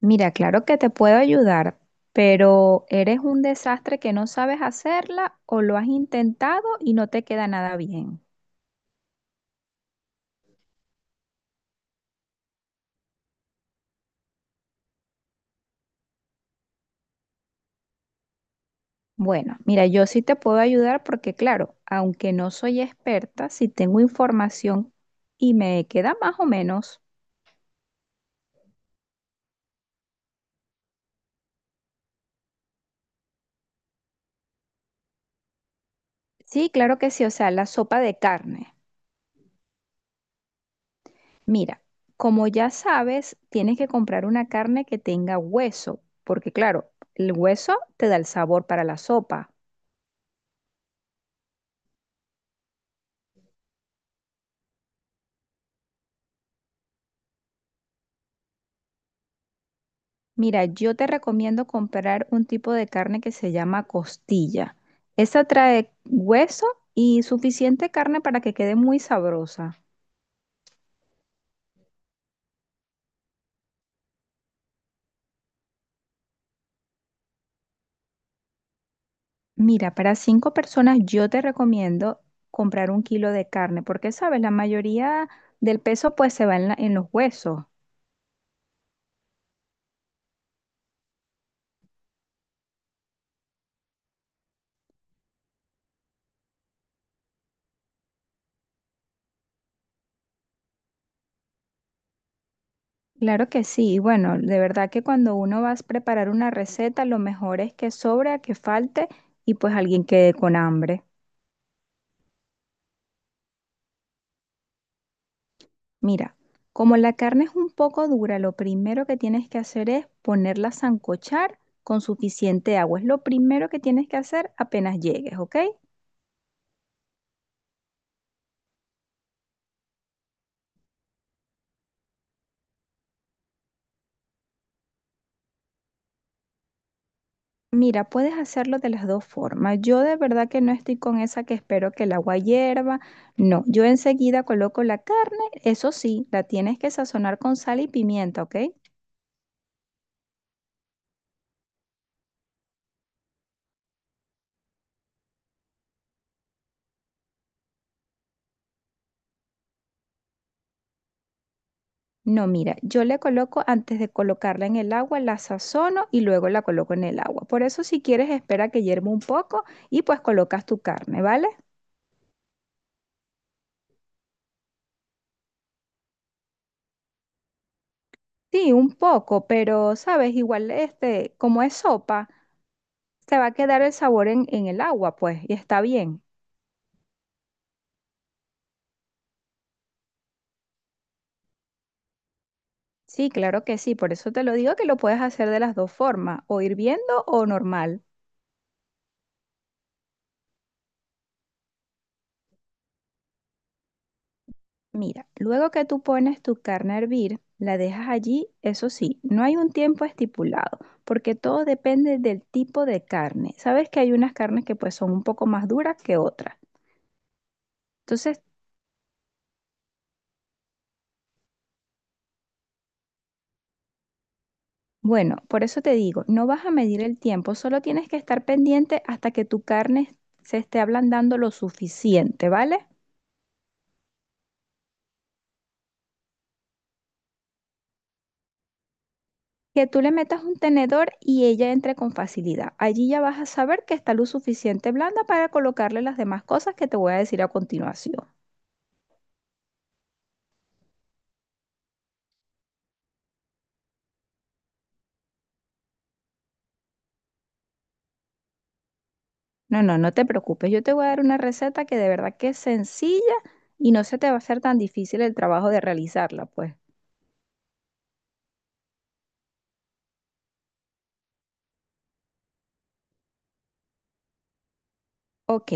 Mira, claro que te puedo ayudar, pero ¿eres un desastre que no sabes hacerla o lo has intentado y no te queda nada bien? Bueno, mira, yo sí te puedo ayudar porque, claro, aunque no soy experta, sí tengo información y me queda más o menos. Sí, claro que sí, o sea, la sopa de carne. Mira, como ya sabes, tienes que comprar una carne que tenga hueso, porque, claro, el hueso te da el sabor para la sopa. Mira, yo te recomiendo comprar un tipo de carne que se llama costilla. Esa trae hueso y suficiente carne para que quede muy sabrosa. Mira, para 5 personas yo te recomiendo comprar 1 kilo de carne, porque sabes, la mayoría del peso pues se va en, en los huesos. Claro que sí, y bueno, de verdad que cuando uno va a preparar una receta, lo mejor es que sobra, que falte y pues alguien quede con hambre. Mira, como la carne es un poco dura, lo primero que tienes que hacer es ponerla a sancochar con suficiente agua. Es lo primero que tienes que hacer apenas llegues, ¿ok? Mira, puedes hacerlo de las dos formas. Yo de verdad que no estoy con esa que espero que el agua hierva. No, yo enseguida coloco la carne. Eso sí, la tienes que sazonar con sal y pimienta, ¿ok? No, mira, yo le coloco antes de colocarla en el agua, la sazono y luego la coloco en el agua. Por eso si quieres espera que hierva un poco y pues colocas tu carne, ¿vale? Sí, un poco, pero sabes, igual este, como es sopa, se va a quedar el sabor en el agua, pues, y está bien. Sí, claro que sí, por eso te lo digo que lo puedes hacer de las dos formas, o hirviendo o normal. Mira, luego que tú pones tu carne a hervir, la dejas allí, eso sí, no hay un tiempo estipulado, porque todo depende del tipo de carne. Sabes que hay unas carnes que pues son un poco más duras que otras. Entonces, bueno, por eso te digo, no vas a medir el tiempo, solo tienes que estar pendiente hasta que tu carne se esté ablandando lo suficiente, ¿vale? Que tú le metas un tenedor y ella entre con facilidad. Allí ya vas a saber que está lo suficiente blanda para colocarle las demás cosas que te voy a decir a continuación. No, no, no te preocupes. Yo te voy a dar una receta que de verdad que es sencilla y no se te va a hacer tan difícil el trabajo de realizarla, pues. Ok,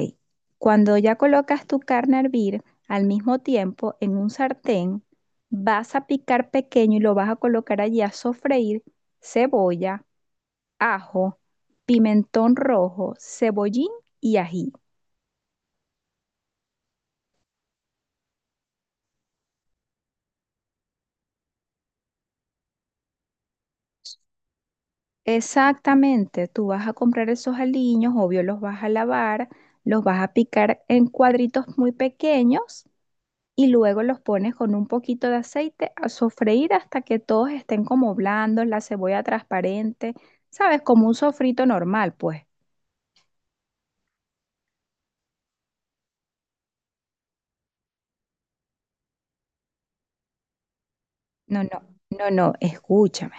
cuando ya colocas tu carne a hervir, al mismo tiempo en un sartén, vas a picar pequeño y lo vas a colocar allí a sofreír cebolla, ajo, pimentón rojo, cebollín y ají. Exactamente, tú vas a comprar esos aliños, obvio los vas a lavar, los vas a picar en cuadritos muy pequeños y luego los pones con un poquito de aceite a sofreír hasta que todos estén como blandos, la cebolla transparente, ¿sabes? Como un sofrito normal, pues. No, no, no, no, escúchame.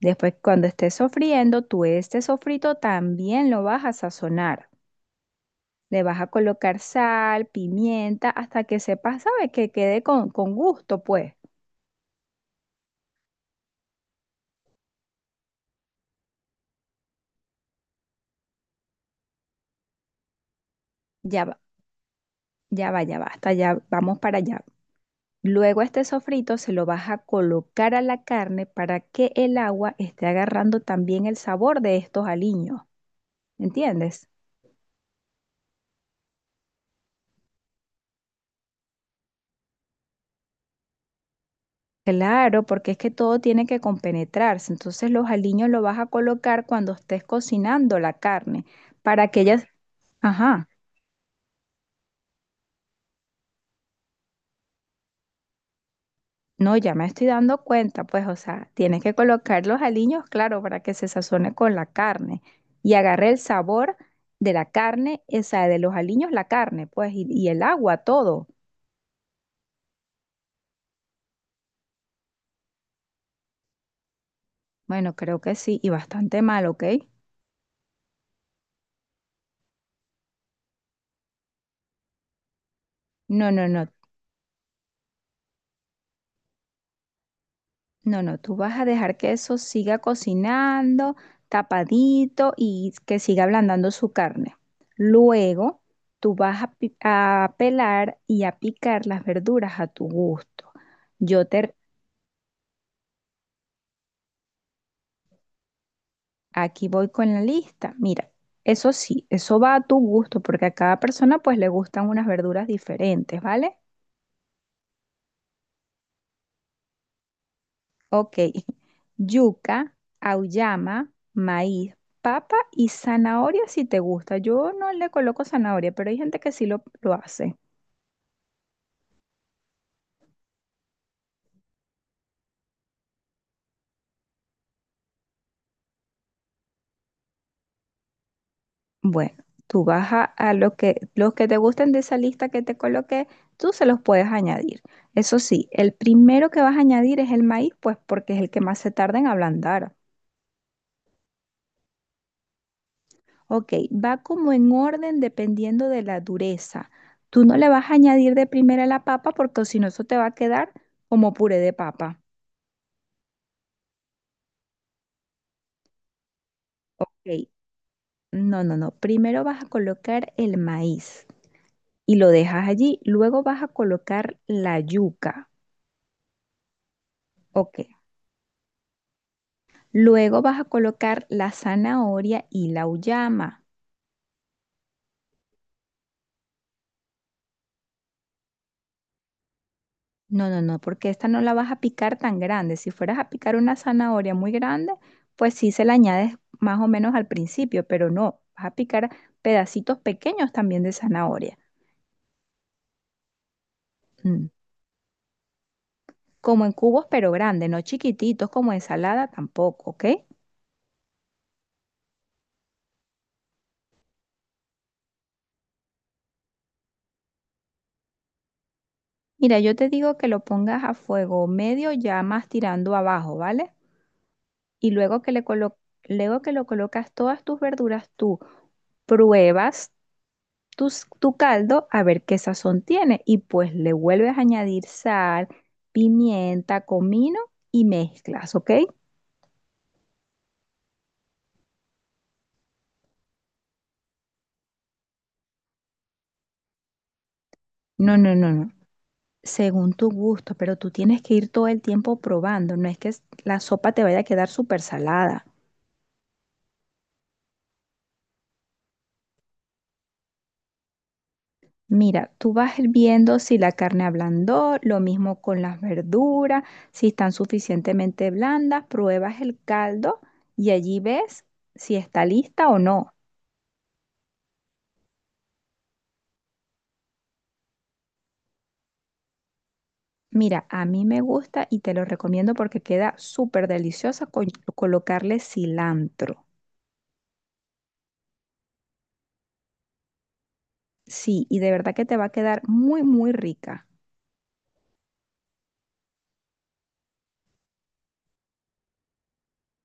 Después, cuando estés sofriendo, tú este sofrito también lo vas a sazonar. Le vas a colocar sal, pimienta, hasta que sepas, ¿sabes? Que quede con gusto, pues. Ya va, ya va, ya va, hasta ya vamos para allá. Luego este sofrito se lo vas a colocar a la carne para que el agua esté agarrando también el sabor de estos aliños, ¿entiendes? Claro, porque es que todo tiene que compenetrarse. Entonces los aliños los vas a colocar cuando estés cocinando la carne para que ellas... Ajá, no, ya me estoy dando cuenta, pues, o sea, tienes que colocar los aliños, claro, para que se sazone con la carne y agarre el sabor de la carne, o sea, de los aliños, la carne, pues, y el agua, todo. Bueno, creo que sí, y bastante mal, ¿ok? No, no, no, no, no, tú vas a dejar que eso siga cocinando, tapadito y que siga ablandando su carne. Luego, tú vas a, a pelar y a picar las verduras a tu gusto. Yo te, aquí voy con la lista. Mira, eso sí, eso va a tu gusto, porque a cada persona pues le gustan unas verduras diferentes, ¿vale? Ok. Yuca, auyama, maíz, papa y zanahoria si te gusta. Yo no le coloco zanahoria, pero hay gente que sí lo hace. Bueno, tú vas a lo que, los que te gusten de esa lista que te coloqué, tú se los puedes añadir. Eso sí, el primero que vas a añadir es el maíz, pues porque es el que más se tarda en ablandar. Ok, va como en orden dependiendo de la dureza. Tú no le vas a añadir de primera la papa porque si no eso te va a quedar como puré de papa. Ok, no, no, no. Primero vas a colocar el maíz y lo dejas allí. Luego vas a colocar la yuca. Ok. Luego vas a colocar la zanahoria y la uyama. No, no, no, porque esta no la vas a picar tan grande. Si fueras a picar una zanahoria muy grande, pues sí se la añades más o menos al principio, pero no, vas a picar pedacitos pequeños también de zanahoria. Mm. Como en cubos, pero grandes, no chiquititos como ensalada tampoco, ¿ok? Mira, yo te digo que lo pongas a fuego medio, ya más tirando abajo, ¿vale? Y luego que luego que lo colocas todas tus verduras, tú pruebas tus, tu caldo a ver qué sazón tiene y pues le vuelves a añadir sal, pimienta, comino y mezclas, ¿ok? No, no, no, no. Según tu gusto, pero tú tienes que ir todo el tiempo probando, no es que la sopa te vaya a quedar súper salada. Mira, tú vas viendo si la carne ablandó, lo mismo con las verduras, si están suficientemente blandas, pruebas el caldo y allí ves si está lista o no. Mira, a mí me gusta y te lo recomiendo porque queda súper deliciosa con colocarle cilantro. Sí, y de verdad que te va a quedar muy, muy rica.